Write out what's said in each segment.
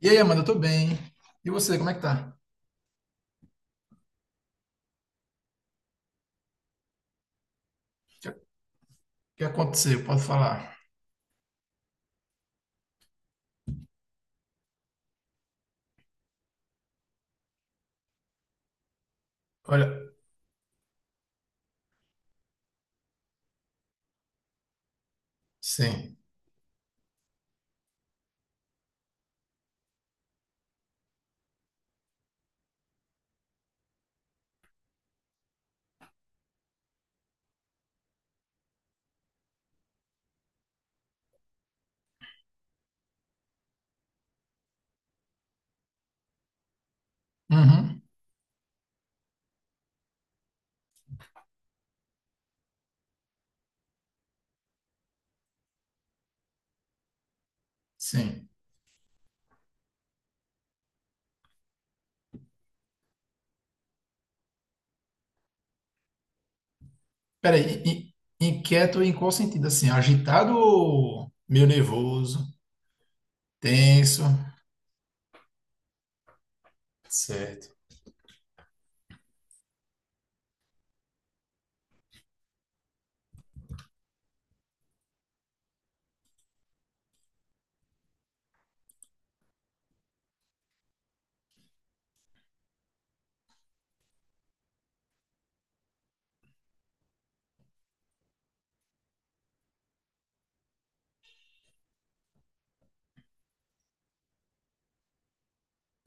E aí, Amanda, eu tô bem. E você, como é que tá? O que, que aconteceu? Pode falar. Olha, sim. Uhum, sim. Peraí, inquieto em qual sentido? Assim, agitado ou meio nervoso, tenso? Certo.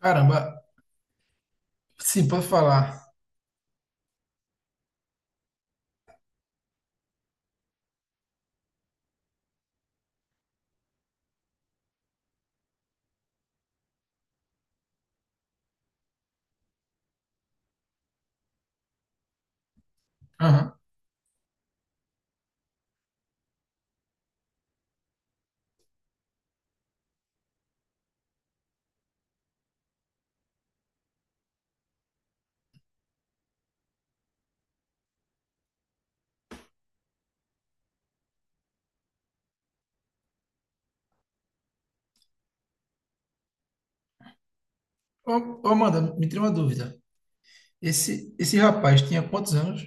Caramba, sim, pode falar. Aham. Ô, ô, Amanda, me tira uma dúvida. Esse rapaz tinha quantos anos?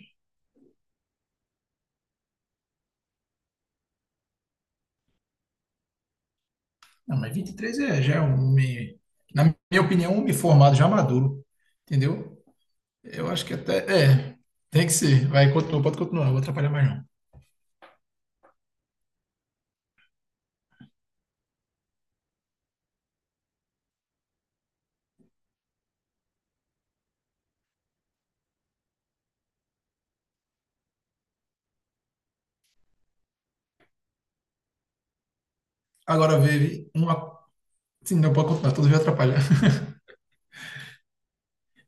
Não, mas 23, é, já é um homem, na minha opinião, um homem formado, já maduro. Entendeu? Eu acho que até. É, tem que ser. Vai, continua, pode continuar, não vou atrapalhar mais não. Agora veio uma. Sim, não pode continuar, tudo vai atrapalhar.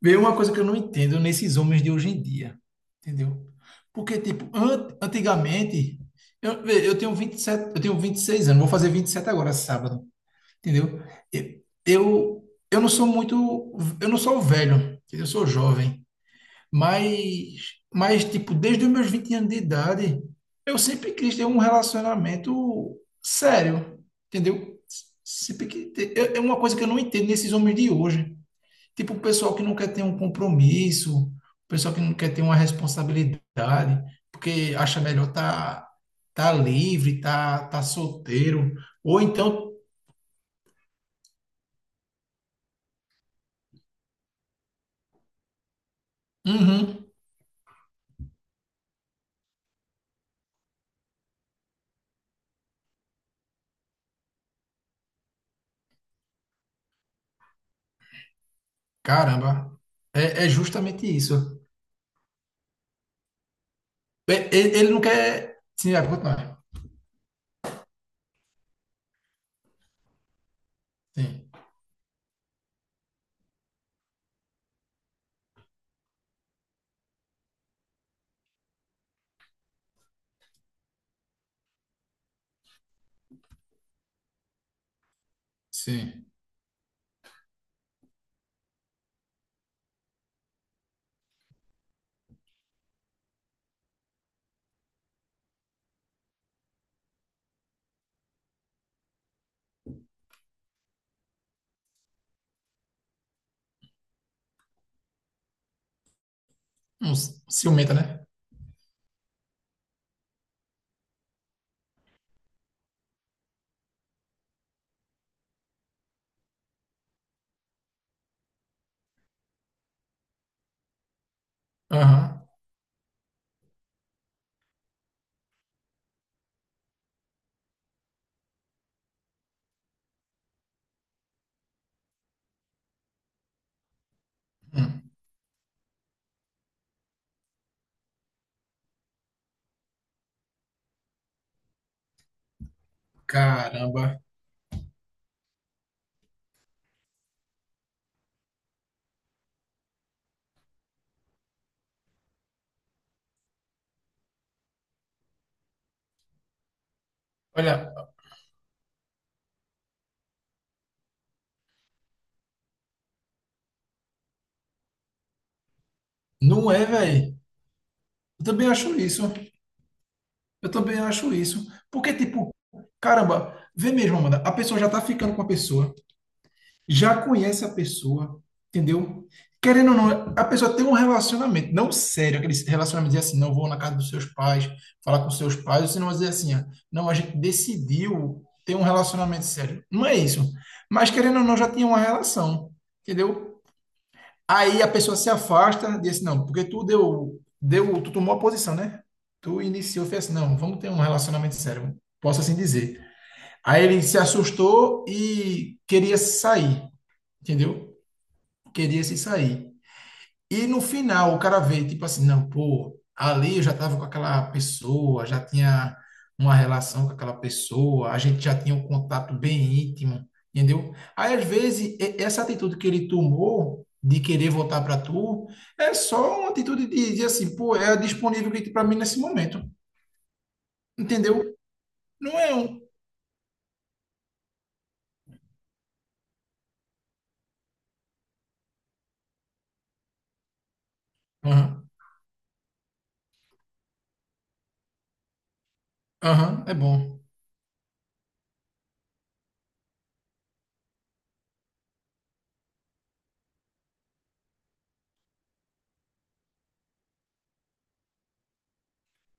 Veio uma coisa que eu não entendo nesses homens de hoje em dia, entendeu? Porque, tipo, antigamente. Eu, vê, eu tenho 27 eu tenho 26 anos, vou fazer 27 agora, sábado, entendeu? E- Eu, eu não sou muito. Eu não sou velho, entendeu? Eu sou jovem. Mas, tipo, desde os meus 20 anos de idade, eu sempre quis ter um relacionamento sério, entendeu? Sempre que é uma coisa que eu não entendo nesses homens de hoje. Tipo, o pessoal que não quer ter um compromisso, o pessoal que não quer ter uma responsabilidade, porque acha melhor tá livre, tá solteiro. Ou então, uhum, caramba, é justamente isso. Ele não quer. Sim, vai continuar. Sim. Sim. Um ciumenta, né? Aham. Hum. Caramba. Olha, não é, velho. Eu também acho isso. Eu também acho isso. Porque, tipo, caramba, vê mesmo, Amanda. A pessoa já tá ficando com a pessoa, já conhece a pessoa, entendeu? Querendo ou não, a pessoa tem um relacionamento, não sério, aquele relacionamento de assim, não vou na casa dos seus pais, falar com seus pais, ou se não dizer assim, ah, não, a gente decidiu ter um relacionamento sério. Não é isso. Mas querendo ou não, já tinha uma relação, entendeu? Aí a pessoa se afasta, diz assim, não, porque tu tu tomou a posição, né? Tu iniciou, fez assim, não, vamos ter um relacionamento sério, posso assim dizer. Aí ele se assustou e queria se sair, entendeu? Queria se sair. E no final o cara vê, tipo assim, não, pô, ali eu já tava com aquela pessoa, já tinha uma relação com aquela pessoa, a gente já tinha um contato bem íntimo, entendeu? Aí às vezes essa atitude que ele tomou de querer voltar para tu é só uma atitude de assim, pô, é disponível que tem para mim nesse momento, entendeu? Não é um. Aham, aham, é bom.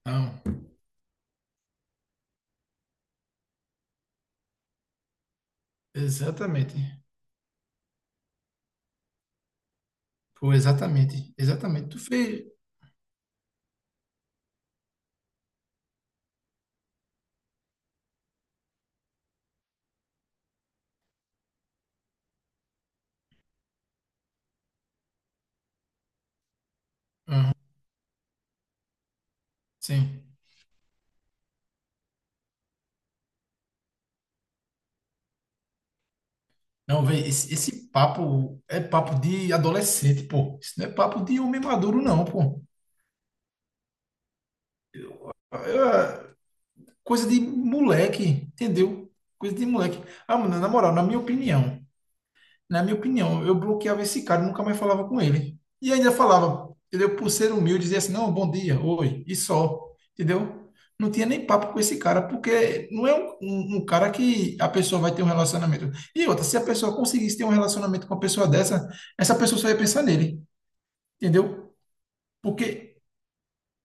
Não, exatamente. Pô, exatamente, exatamente. Tu fez. Sim. Não, velho, esse papo é papo de adolescente, pô. Isso não é papo de homem maduro, não, pô. É coisa de moleque, entendeu? Coisa de moleque. Ah, mano, na moral, na minha opinião, eu bloqueava esse cara, e nunca mais falava com ele. E ainda falava, entendeu? Por ser humilde, dizia assim, não, bom dia, oi, e só, entendeu? Não tinha nem papo com esse cara, porque não é um cara que a pessoa vai ter um relacionamento. E outra, se a pessoa conseguisse ter um relacionamento com uma pessoa dessa, essa pessoa só ia pensar nele, entendeu? Porque,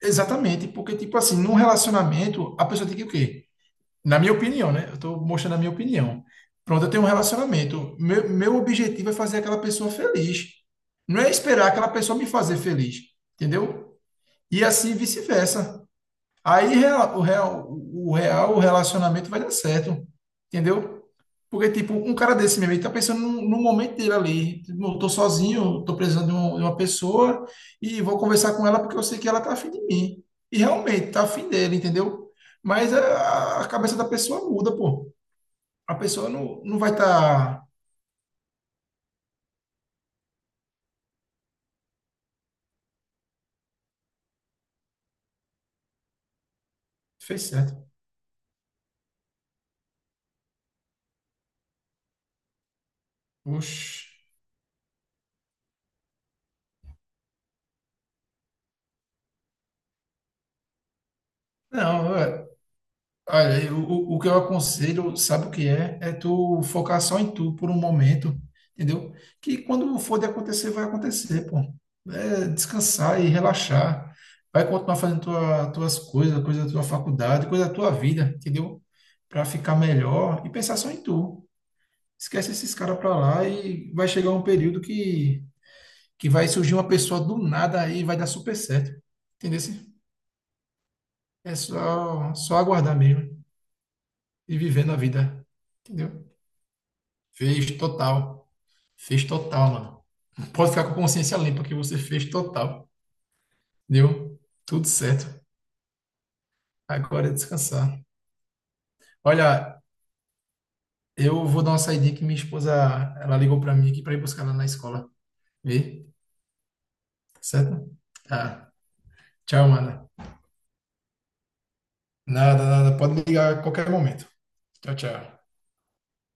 exatamente, porque, tipo assim, num relacionamento, a pessoa tem que o quê? Na minha opinião, né? Eu estou mostrando a minha opinião. Pronto, eu tenho um relacionamento. Meu objetivo é fazer aquela pessoa feliz. Não é esperar aquela pessoa me fazer feliz, entendeu? E assim vice-versa. Aí o relacionamento vai dar certo, entendeu? Porque, tipo, um cara desse mesmo, ele tá pensando no momento dele ali. Tipo, eu tô sozinho, tô precisando de, de uma pessoa e vou conversar com ela porque eu sei que ela tá afim de mim. E realmente, tá afim dele, entendeu? Mas a cabeça da pessoa muda, pô. A pessoa não vai estar. Tá. Fez certo. Oxi. Não, é, olha, o que eu aconselho, sabe o que é? É tu focar só em tu por um momento, entendeu? Que quando for de acontecer, vai acontecer, pô. É descansar e relaxar. Vai continuar fazendo tua, tuas coisas, coisa da tua faculdade, coisa da tua vida, entendeu? Pra ficar melhor e pensar só em tu. Esquece esses caras pra lá e vai chegar um período que vai surgir uma pessoa do nada aí e vai dar super certo. Entendeu? É só aguardar mesmo e vivendo a vida, entendeu? Fez total. Fez total, mano. Pode ficar com a consciência limpa que você fez total. Deu tudo certo. Agora é descansar. Olha, eu vou dar uma saidinha que minha esposa, ela ligou pra mim aqui pra ir buscar ela na escola. Vê? Tá certo? Tá. Tchau, mano. Nada, nada. Pode ligar a qualquer momento. Tchau, tchau.